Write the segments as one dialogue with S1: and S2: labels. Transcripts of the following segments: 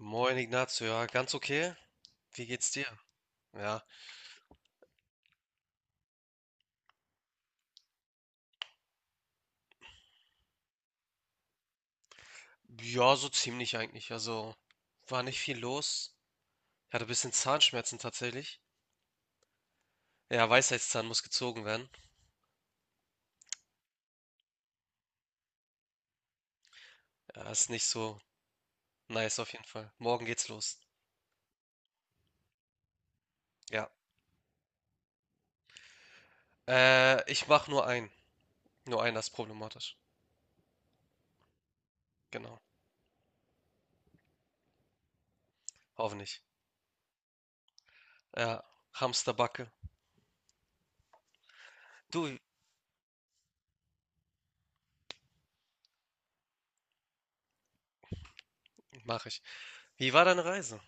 S1: Moin Ignazio, ja, ganz okay. Wie geht's dir? Ja, ja, so ziemlich eigentlich. Also war nicht viel los. Ich hatte ein bisschen Zahnschmerzen tatsächlich. Ja, Weisheitszahn muss gezogen werden. Ja, ist nicht so nice auf jeden Fall. Morgen geht's los. Ja, ich mach nur einen. Nur einen, das ist problematisch. Genau, hoffentlich. Ja, Hamsterbacke. Du, mach ich. Wie war deine Reise?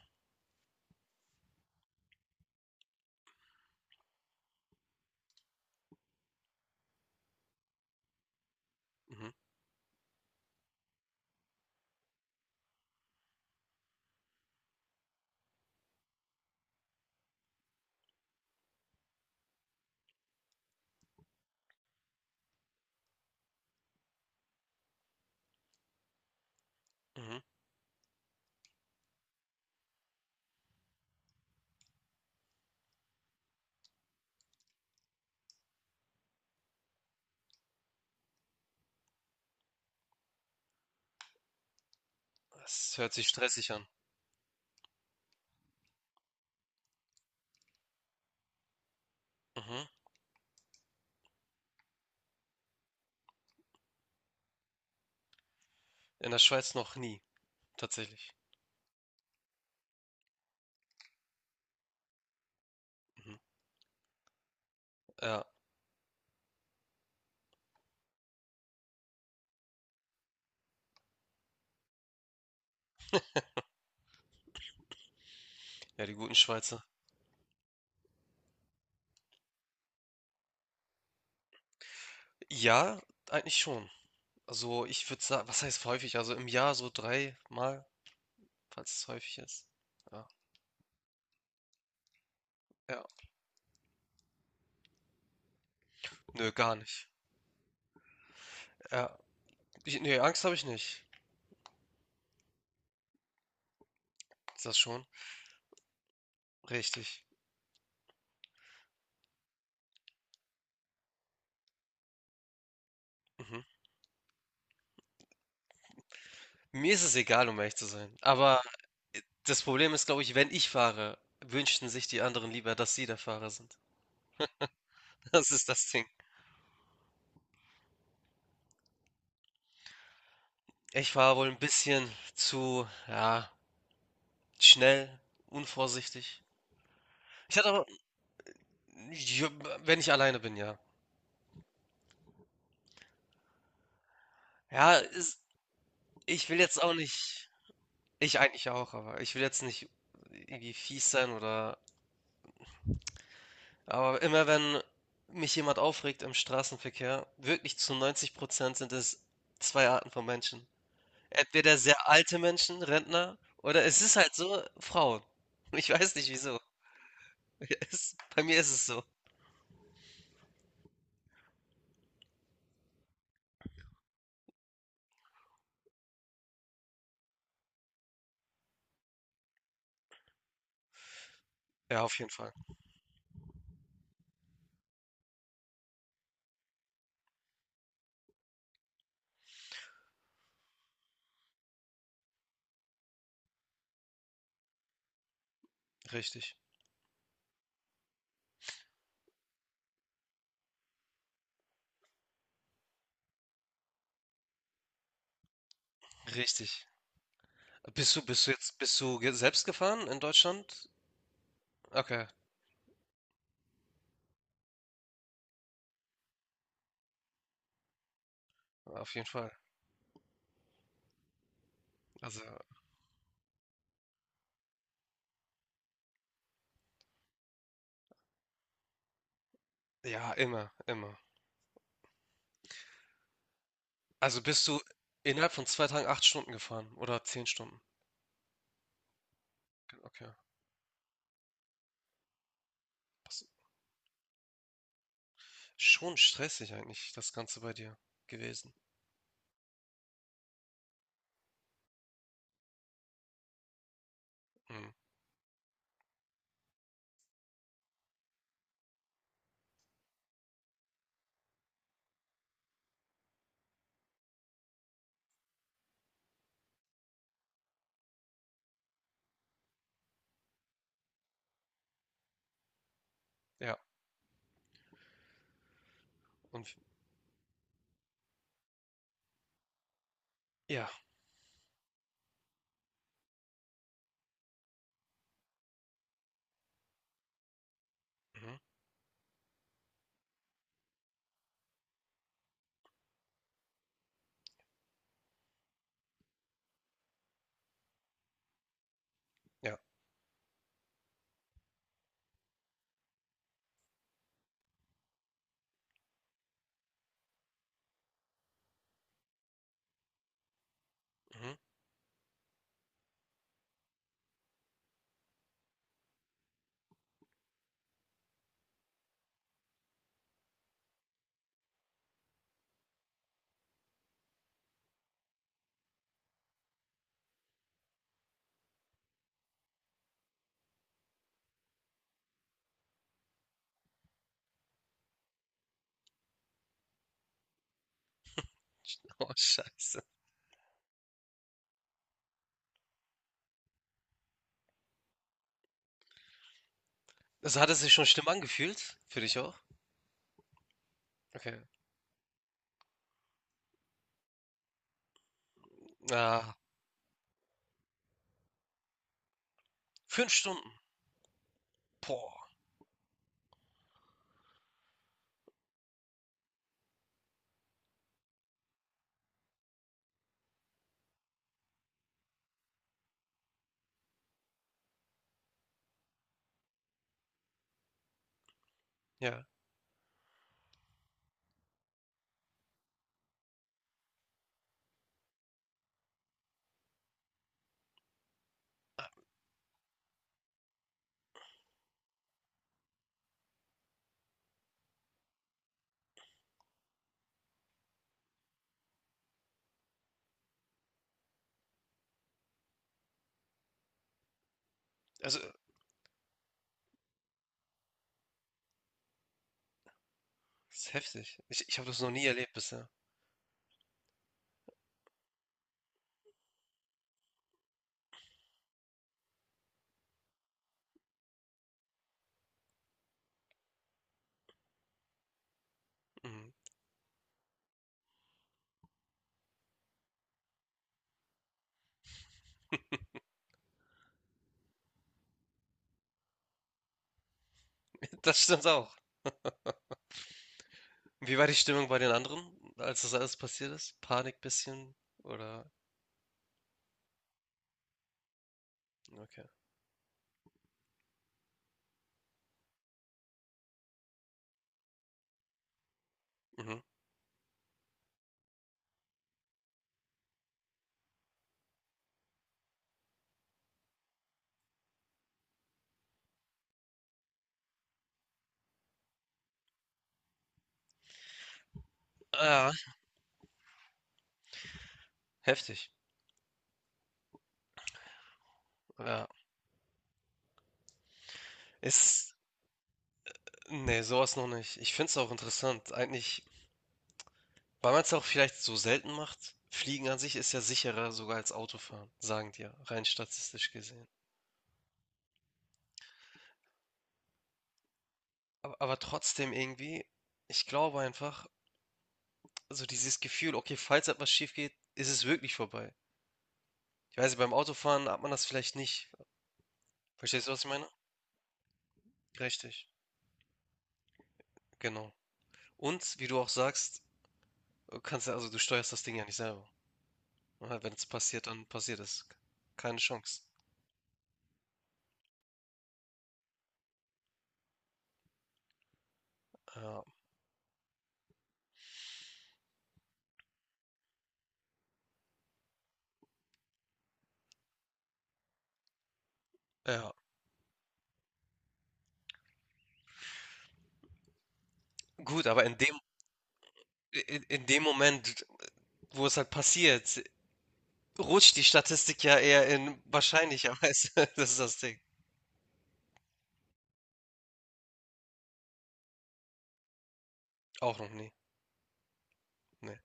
S1: Mhm, mhm. Es hört sich stressig an. Mhm. In der Schweiz noch nie, tatsächlich. Mhm. Ja. Ja, die guten Schweizer. Ja, eigentlich schon. Also ich würde sagen, was heißt häufig? Also im Jahr so dreimal, falls es häufig ist. Ja. Ja. Nö, gar nicht. Ja. Nee, Angst habe ich nicht. Ist das schon? Richtig. Mhm. Mir ist es egal, um ehrlich zu sein. Aber das Problem ist, glaube ich, wenn ich fahre, wünschten sich die anderen lieber, dass sie der Fahrer sind. Das ist das Ding. Ich fahre wohl ein bisschen zu, ja, schnell, unvorsichtig. Ich hatte aber, ja, wenn ich alleine bin, ja. Ja, ist ich will jetzt auch nicht ich eigentlich auch, aber ich will jetzt nicht irgendwie fies sein. Oder aber immer wenn mich jemand aufregt im Straßenverkehr, wirklich zu 90% sind es zwei Arten von Menschen. Entweder sehr alte Menschen, Rentner, oder es ist halt so, Frauen. Ich weiß nicht wieso. Es, bei mir ist es so. Ja, auf jeden Fall. Richtig. Richtig. Bist du jetzt selbst gefahren in Deutschland? Okay, auf jeden Fall. Also, ja, immer, immer. Also bist du innerhalb von 2 Tagen 8 Stunden gefahren oder 10 Stunden? Okay. Was- Schon stressig eigentlich das Ganze bei dir gewesen. Mhm. Ja. Und ja. Mhm. Ja. Mhm. Oh, Scheiße. Also hat es sich schon schlimm angefühlt? Für dich auch? Okay. Ah, 5 Stunden. Boah. Ja. Also, das ist heftig. Ich habe das noch nie erlebt bisher. Mhm. Das stimmt auch. Wie war die Stimmung bei den anderen, als das alles passiert ist? Panik bisschen? Oder? Okay. Mhm. Ah, heftig. Ja, ist, nee, sowas noch nicht. Ich finde es auch interessant. Eigentlich, weil man es auch vielleicht so selten macht, Fliegen an sich ist ja sicherer sogar als Autofahren, sagen die ja, rein statistisch gesehen. Aber trotzdem irgendwie, ich glaube einfach, so dieses Gefühl, okay, falls etwas schief geht, ist es wirklich vorbei. Ich weiß nicht, beim Autofahren hat man das vielleicht nicht. Verstehst du, was ich meine? Richtig, genau. Und wie du auch sagst, du kannst ja, also du steuerst das Ding ja nicht selber. Ja, wenn es passiert, dann passiert es. Keine Chance. Ja, ja. Gut, aber in dem, in dem Moment, wo es halt passiert, rutscht die Statistik ja eher in wahrscheinlicherweise. Das ist das Ding. Auch noch nie. Nee.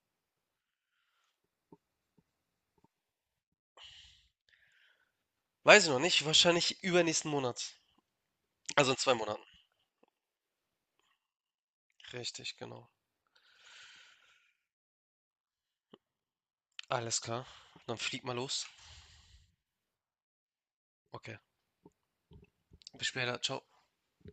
S1: Weiß ich noch nicht. Wahrscheinlich übernächsten Monat. Also in 2 Monaten. Richtig, genau. Alles klar. Dann flieg mal los. Okay. Bis später. Ciao.